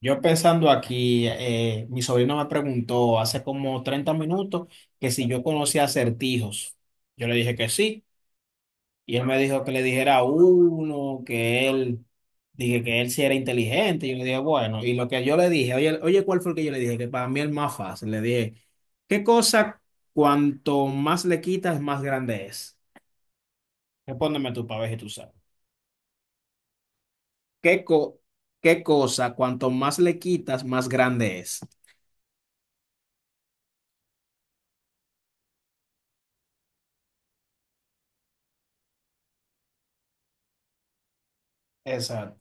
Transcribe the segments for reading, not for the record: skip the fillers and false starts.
Yo pensando aquí, mi sobrino me preguntó hace como 30 minutos que si yo conocía acertijos. Yo le dije que sí, y él me dijo que le dijera uno, dije que él sí era inteligente. Yo le dije, bueno, y lo que yo le dije, oye, ¿cuál fue el que yo le dije? Que para mí el más fácil. Le dije, ¿qué cosa cuanto más le quitas, más grande es? Respóndeme tú para ver si tú sabes. ¿Qué co- ¿Qué cosa cuanto más le quitas, más grande es? Exacto.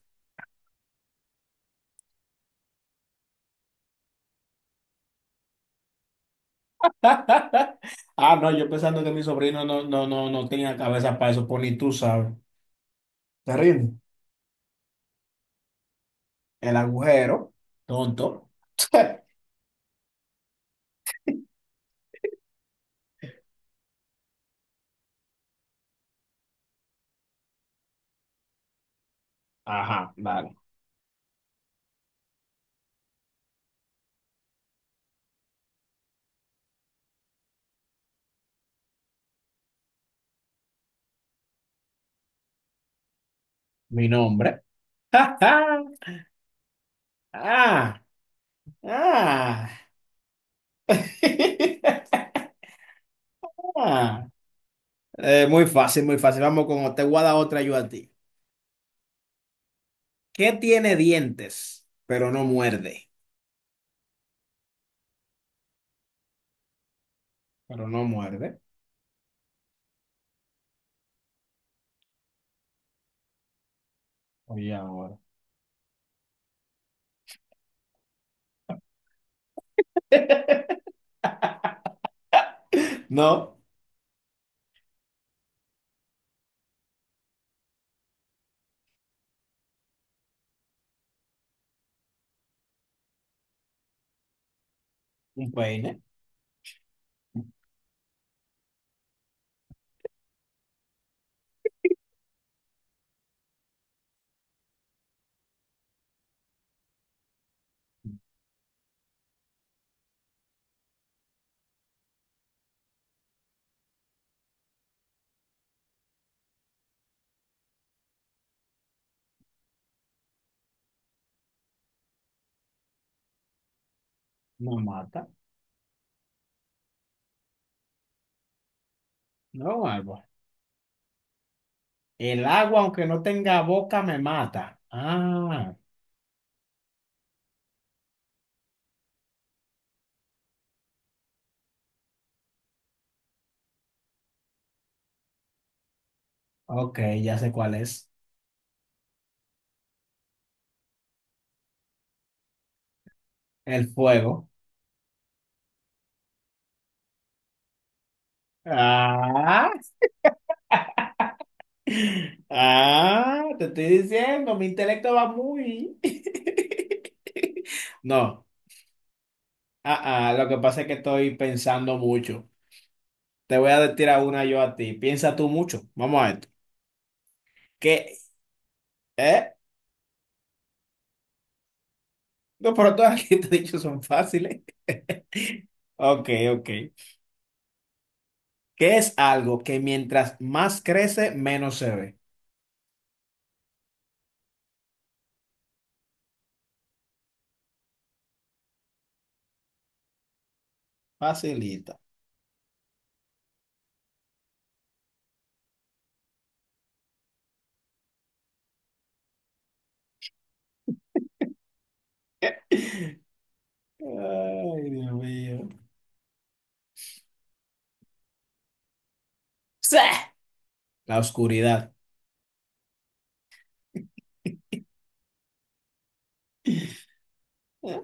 Ah, no, yo pensando que mi sobrino no tenía cabeza para eso, pues ni tú sabes. Terrible. El agujero, tonto. Ajá, vale. Mi nombre. Ah, ah. Ah. Muy fácil, muy fácil. Vamos con otra. Te voy a dar otra yo a ti. ¿Qué tiene dientes, pero no muerde? Pero no muerde. Oye, ahora. No, un peine, no mata, no algo. El agua, aunque no tenga boca, me mata. Ah, ok, ya sé cuál es. El fuego. Ah, ah, te estoy diciendo, mi intelecto va muy. No, lo que pasa es que estoy pensando mucho. Te voy a tirar una yo a ti. Piensa tú mucho. Vamos a esto. ¿Qué? ¿Eh? No, pero todas las que te he dicho son fáciles. Ok, ok. ¿Qué es algo que mientras más crece, menos se ve? Facilita. Ay, Dios mío. Sí. La oscuridad.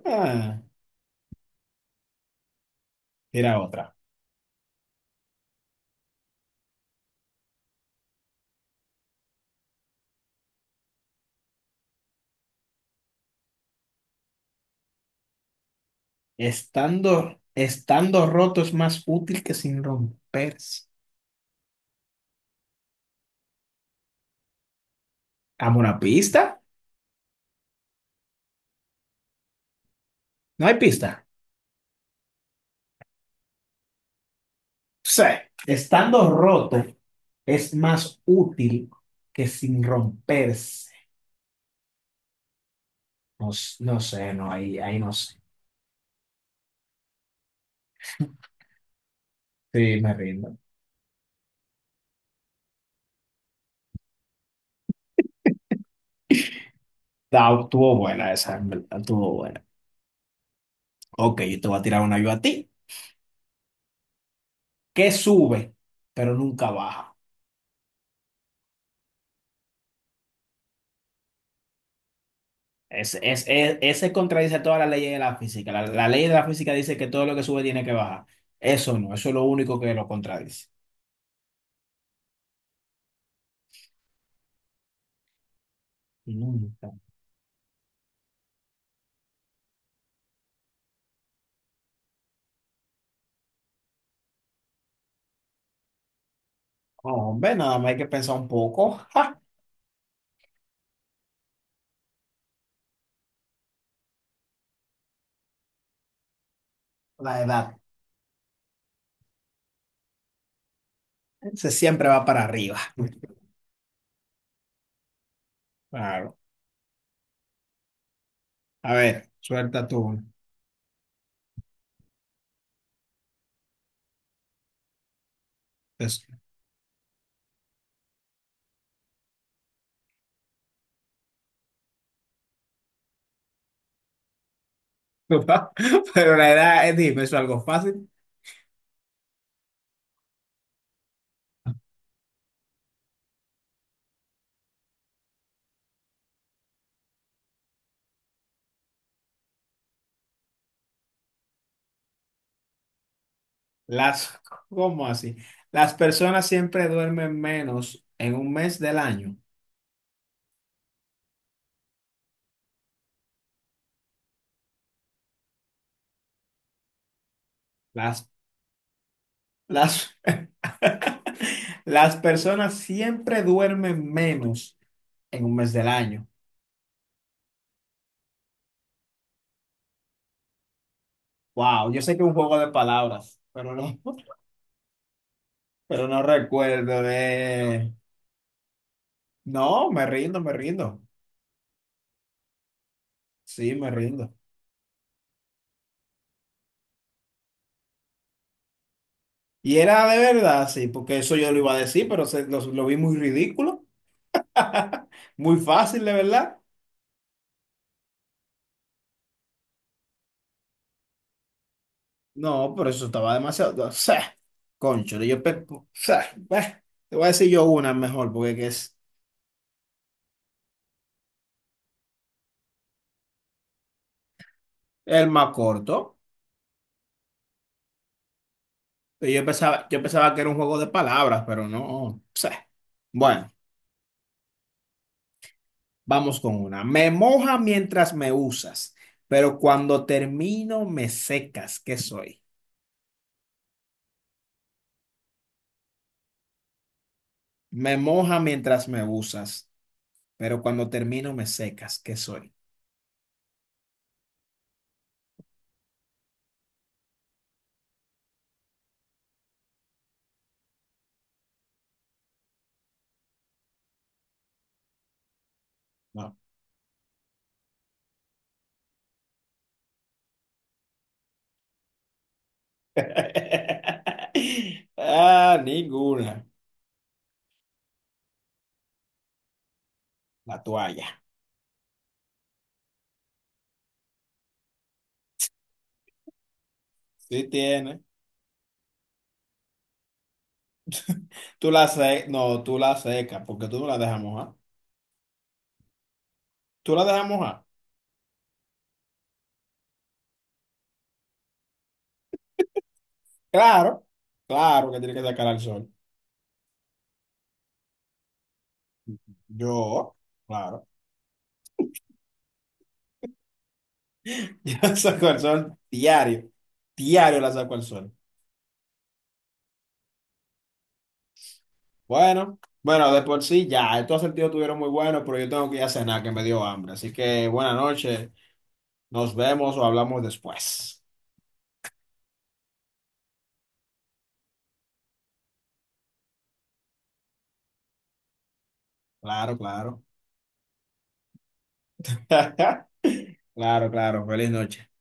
Ah, mira otra. Estando roto es más útil que sin romperse. ¿A una pista? No hay pista. Sí. Estando roto es más útil que sin romperse. No, no sé, no, ahí no sé. Sí, me rindo. Ah, estuvo buena esa, en verdad, estuvo buena. Ok, yo te voy a tirar una yo a ti. Que sube, pero nunca baja. Ese contradice todas las leyes de la física. La ley de la física dice que todo lo que sube tiene que bajar. Eso no, eso es lo único que lo contradice. Nunca. Hombre, nada más hay que pensar un poco. ¡Ja! La edad. Se siempre va para arriba. Claro. A ver, suelta tú. Eso. Pero la edad, dime, ¿eso es algo fácil? Las, ¿cómo así? Las personas siempre duermen menos en un mes del año. Las, las Las personas siempre duermen menos en un mes del año. Wow, yo sé que es un juego de palabras, pero no, pero no recuerdo de... No, me rindo. Sí, me rindo. Y era de verdad, sí, porque eso yo lo iba a decir, pero lo vi muy ridículo, muy fácil, de verdad. No, pero eso estaba demasiado... O sea, concho, o sea, bah, te voy a decir yo una mejor, porque que es el más corto. Pero yo pensaba que era un juego de palabras, pero no. Pse. Bueno, vamos con una. Me moja mientras me usas, pero cuando termino me secas. ¿Qué soy? Me moja mientras me usas, pero cuando termino me secas. ¿Qué soy? No. Ah, ninguna. La toalla. Sí tiene. Tú la se No, tú la secas porque tú no la dejas mojar. Tú la dejas mojar. Claro, claro que tiene que sacar al sol. Yo, claro. Yo la saco al sol diario. Diario la saco al sol. Bueno, bueno, de por sí ya. Estos sentidos estuvieron muy buenos, pero yo tengo que ir a cenar, que me dio hambre. Así que buenas noches. Nos vemos o hablamos después. Claro, claro. Claro, claro. Feliz noche.